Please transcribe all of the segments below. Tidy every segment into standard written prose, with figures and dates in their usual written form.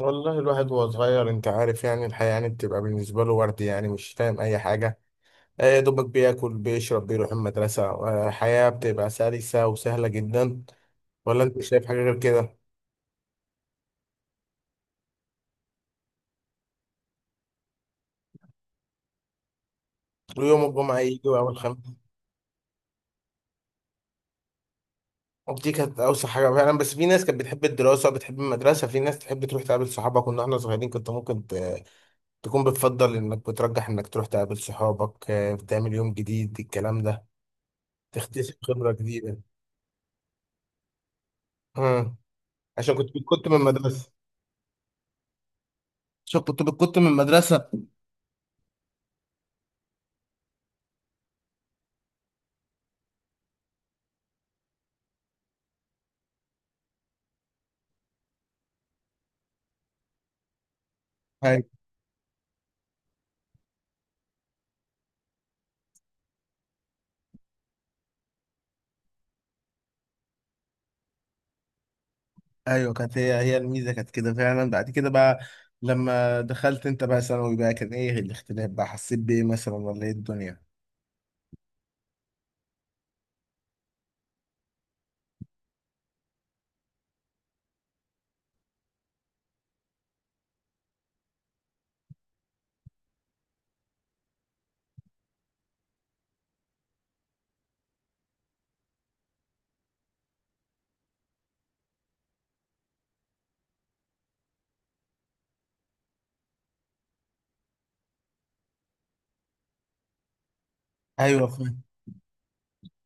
والله الواحد وهو صغير انت عارف يعني الحياة يعني بتبقى بالنسبة له ورد، يعني مش فاهم أي حاجة. يا دوبك بياكل بيشرب بيروح المدرسة، حياة بتبقى سلسة وسهلة جدا. ولا انت شايف حاجة غير كده؟ ويوم الجمعة يجي وأول الخميس. ودي كانت أوسع حاجة فعلا، بس في ناس كانت بتحب الدراسة بتحب المدرسة، في ناس تحب تروح تقابل صحابك. كنا احنا صغيرين كنت ممكن تكون بتفضل إنك بترجح إنك تروح تقابل صحابك، بتعمل يوم جديد الكلام ده، تكتسب خبرة جديدة. مم. عشان كنت من المدرسة. عشان كنت من المدرسة. أيوة. أيوة، كانت هي هي الميزة كانت كده فعلا. بعد كده بقى لما دخلت أنت بقى ثانوي بقى كان إيه الاختلاف بقى، حسيت بإيه مثلا، ولا إيه الدنيا؟ أيوة،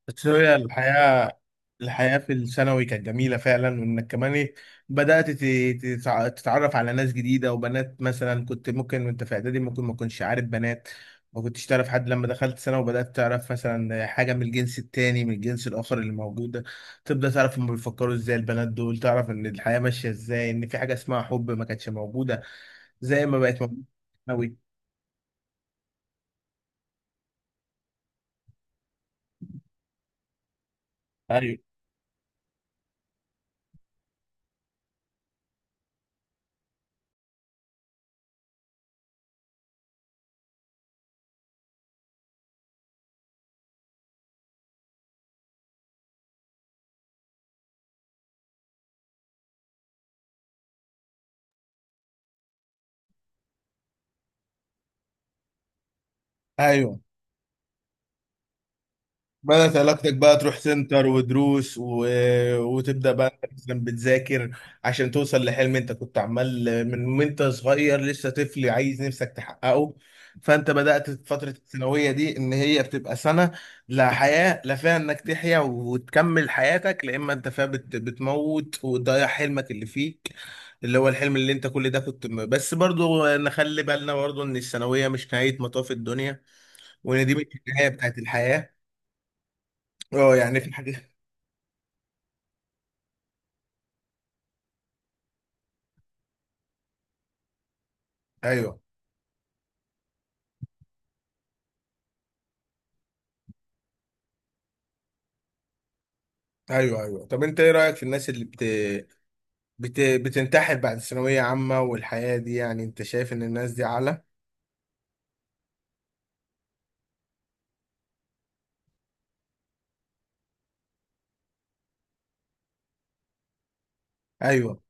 بس هي الحياة. الحياة في الثانوي كانت جميلة فعلا، وإنك كمان إيه بدأت تتعرف على ناس جديدة وبنات، مثلا كنت ممكن وأنت في إعدادي ممكن ما كنتش عارف بنات، ما كنتش تعرف حد، لما دخلت ثانوي وبدأت تعرف مثلا حاجة من الجنس التاني، من الجنس الآخر اللي موجودة، تبدأ تعرف هما بيفكروا إزاي البنات دول، تعرف إن الحياة ماشية إزاي، إن في حاجة اسمها حب ما كانتش موجودة زي ما بقت موجودة في الثانوي. أيوه أيوه، بدأت علاقتك بقى تروح سنتر ودروس وتبدأ بقى أنت مثلا بتذاكر عشان توصل لحلم انت كنت عمال من وانت صغير لسه طفل عايز نفسك تحققه. فانت بدأت في فترة الثانوية دي ان هي بتبقى سنة لا حياة، لا فيها انك تحيا وتكمل حياتك، لا اما انت فيها بتموت وتضيع حلمك اللي فيك، اللي هو الحلم اللي انت كل ده كنت بس برضو نخلي بالنا برضو ان الثانوية مش نهاية مطاف الدنيا، وان دي مش النهاية بتاعت الحياة. اه، يعني في حاجة. ايوه ايوه ايوه، طب انت ايه رايك في الناس اللي بتنتحر بعد ثانويه عامه والحياه دي؟ يعني انت شايف ان الناس دي اعلى؟ ايوه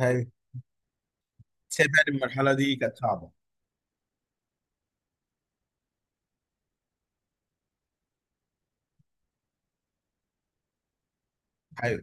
ايوه، شايف يعني المرحله دي كانت صعبه؟ ايوه.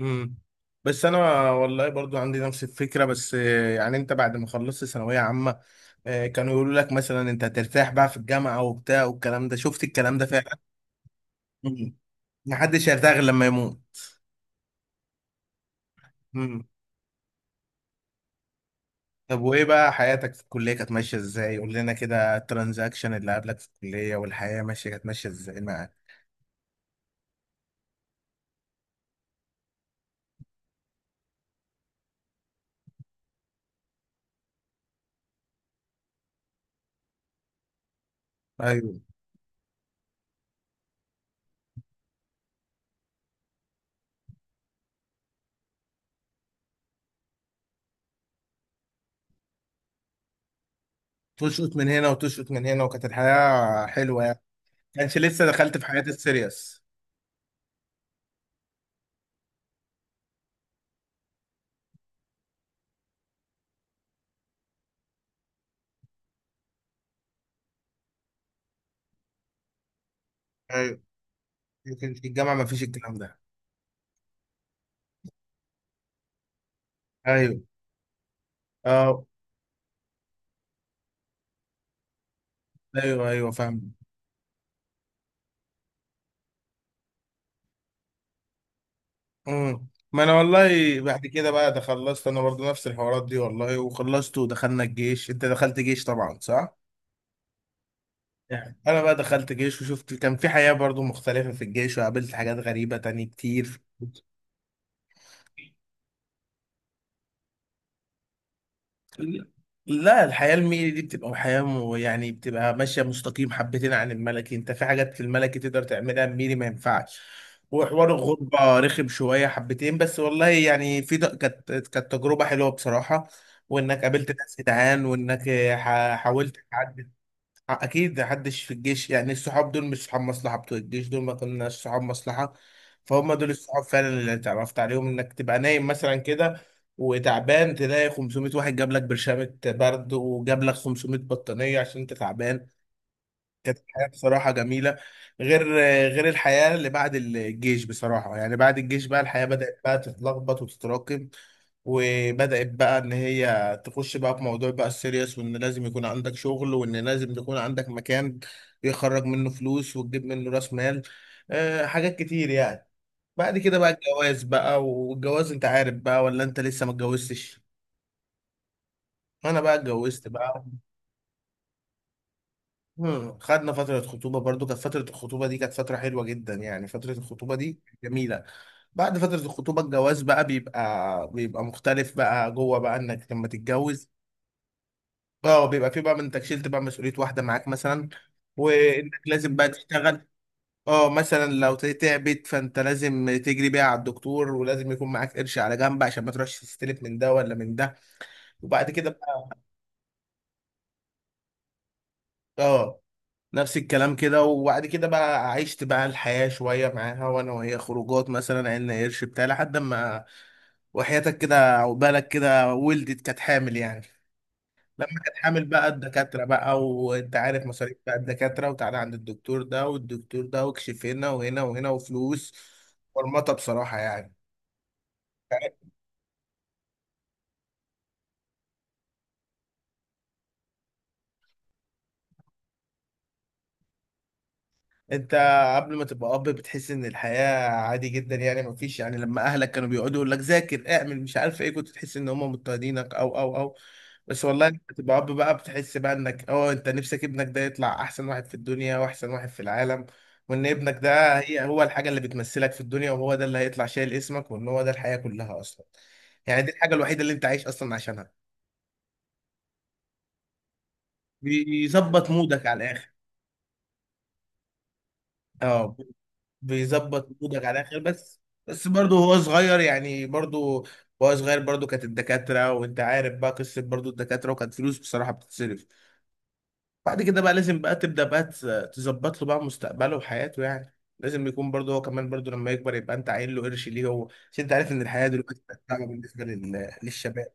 امم، بس انا والله برضو عندي نفس الفكره، بس يعني انت بعد ما خلصت ثانويه عامه، كانوا يقولوا لك مثلا انت هترتاح بقى في الجامعه وبتاع والكلام ده، شفت الكلام ده فعلا؟ مم. محدش هيرتاح غير لما يموت. طب وايه بقى حياتك في الكلية كانت ماشية ازاي؟ قول لنا كده الترانزاكشن اللي قابلك في الكلية والحياة ماشية كانت ماشية ازاي معاك؟ ايوه، تشقط من هنا وتشقط من هنا، وكانت الحياة حلوة يعني. كانش لسه دخلت في حياة السيريس. ايوه، لكن في الجامعة ما فيش الكلام ده. ايوه، اه، ايوه ايوه فاهم. امم، ما انا والله بعد كده بقى ده خلصت انا برضه نفس الحوارات دي والله، وخلصت ودخلنا الجيش. انت دخلت جيش طبعا، صح؟ يعني انا بقى دخلت جيش وشفت كان في حياة برضو مختلفة في الجيش، وقابلت حاجات غريبة تانية كتير. لا الحياة الميري دي بتبقى حياة يعني بتبقى ماشية مستقيم حبتين عن الملكي، انت في حاجات في الملكي تقدر تعملها الميري ما ينفعش. وحوار الغربة رخم شوية حبتين، بس والله يعني في كانت تجربة حلوة بصراحة. وانك قابلت ناس جدعان، وانك حاولت تعدي. اكيد محدش في الجيش يعني، الصحاب دول مش صحاب مصلحه، بتوع الجيش دول ما كناش صحاب مصلحه، فهم دول الصحاب فعلا اللي اتعرفت عليهم. انك تبقى نايم مثلا كده وتعبان، تلاقي 500 واحد جاب لك برشامه برد، وجاب لك 500 بطانيه عشان انت تعبان. كانت الحياة بصراحة جميلة. غير غير الحياة اللي بعد الجيش بصراحة، يعني بعد الجيش بقى الحياة بدأت بقى تتلخبط وتتراكم، وبدأت بقى إن هي تخش بقى في موضوع بقى السيريس، وإن لازم يكون عندك شغل، وإن لازم يكون عندك مكان يخرج منه فلوس وتجيب منه رأس مال. أه، حاجات كتير يعني. بعد كده بقى الجواز بقى، والجواز أنت عارف بقى، ولا أنت لسه ما اتجوزتش؟ أنا بقى اتجوزت بقى. مم. خدنا فترة خطوبة برضو، كانت فترة الخطوبة دي كانت فترة حلوة جدا يعني، فترة الخطوبة دي جميلة. بعد فترة الخطوبة الجواز بقى بيبقى مختلف بقى جوه بقى انك لما تتجوز. اه، بيبقى في بقى من انك شلت بقى مسؤولية واحدة معاك مثلا، وانك لازم بقى تشتغل. اه، مثلا لو تعبت فانت لازم تجري بيها على الدكتور، ولازم يكون معاك قرش على جنب عشان ما تروحش تستلف من ده ولا من ده. وبعد كده بقى اه نفس الكلام كده. وبعد كده بقى عشت بقى الحياة شوية معاها وانا وهي، خروجات مثلا، عيلنا قرش بتاع لحد ما، وحياتك كده عقبالك كده، ولدت كانت حامل يعني. كانت حامل بقى الدكاترة بقى وانت عارف مصاريف بقى الدكاترة، وتعالى عند الدكتور ده والدكتور ده، واكشف هنا وهنا وهنا وفلوس. مرمطة بصراحة يعني. انت قبل ما تبقى اب بتحس ان الحياة عادي جدا يعني، ما فيش يعني، لما اهلك كانوا بيقعدوا يقول لك ذاكر اعمل مش عارف ايه، كنت تحس ان هم مضطهدينك او. بس والله لما تبقى اب بقى بتحس بقى انك اه انت نفسك ابنك ده يطلع احسن واحد في الدنيا واحسن واحد في العالم، وان ابنك ده هي هو الحاجة اللي بتمثلك في الدنيا، وهو ده اللي هيطلع شايل اسمك، وان هو ده الحياة كلها اصلا، يعني دي الحاجة الوحيدة اللي انت عايش اصلا عشانها. بيظبط مودك على الاخر. اه، بيظبط مودك على الاخر بس. بس برضه هو صغير يعني، برضه وهو صغير برضه كانت الدكاترة وانت عارف بقى قصة برضه الدكاترة، وكانت فلوس بصراحة بتتصرف. بعد كده بقى لازم بقى تبدأ بقى تظبط له بقى مستقبله وحياته، يعني لازم يكون برضه هو كمان برضه لما يكبر يبقى انت عاين له قرش ليه هو، عشان انت عارف ان الحياة دلوقتي بقت صعبة بالنسبة للشباب.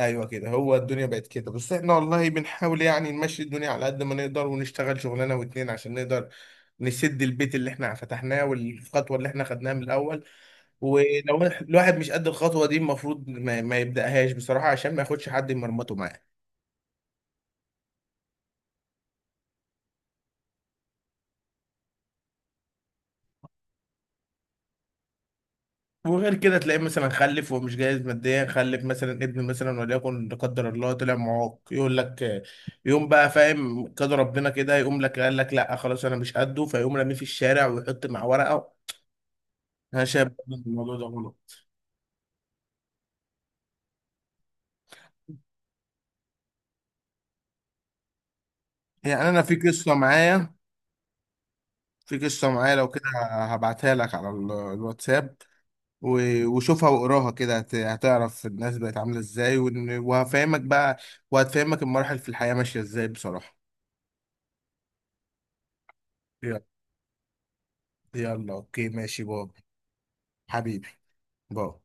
ايوه كده، هو الدنيا بقت كده، بس احنا والله بنحاول يعني نمشي الدنيا على قد ما نقدر، ونشتغل شغلانه واتنين عشان نقدر نسد البيت اللي احنا فتحناه، والخطوه اللي احنا خدناها من الاول. ولو الواحد مش قد الخطوه دي المفروض ما يبداهاش بصراحه، عشان ما ياخدش حد يمرمطه معاه. وغير كده تلاقيه مثلا خلف ومش جاهز ماديا، خلف مثلا ابن مثلا وليكن لا قدر الله طلع معاق، يقول لك يوم بقى فاهم قدر ربنا كده، يقوم لك قال لك لا خلاص انا مش قده، فيقوم راميه في الشارع ويحط مع ورقه. انا شايف برضه إن الموضوع ده غلط. يعني انا في قصه معايا، في قصه معايا لو كده هبعتها لك على الواتساب، وشوفها واقراها كده، هتعرف الناس بقت عامله ازاي، وهفهمك بقى، وهتفهمك المراحل في الحياه ماشيه ازاي بصراحه. يلا، يلا اوكي ماشي بابا. حبيبي بابا.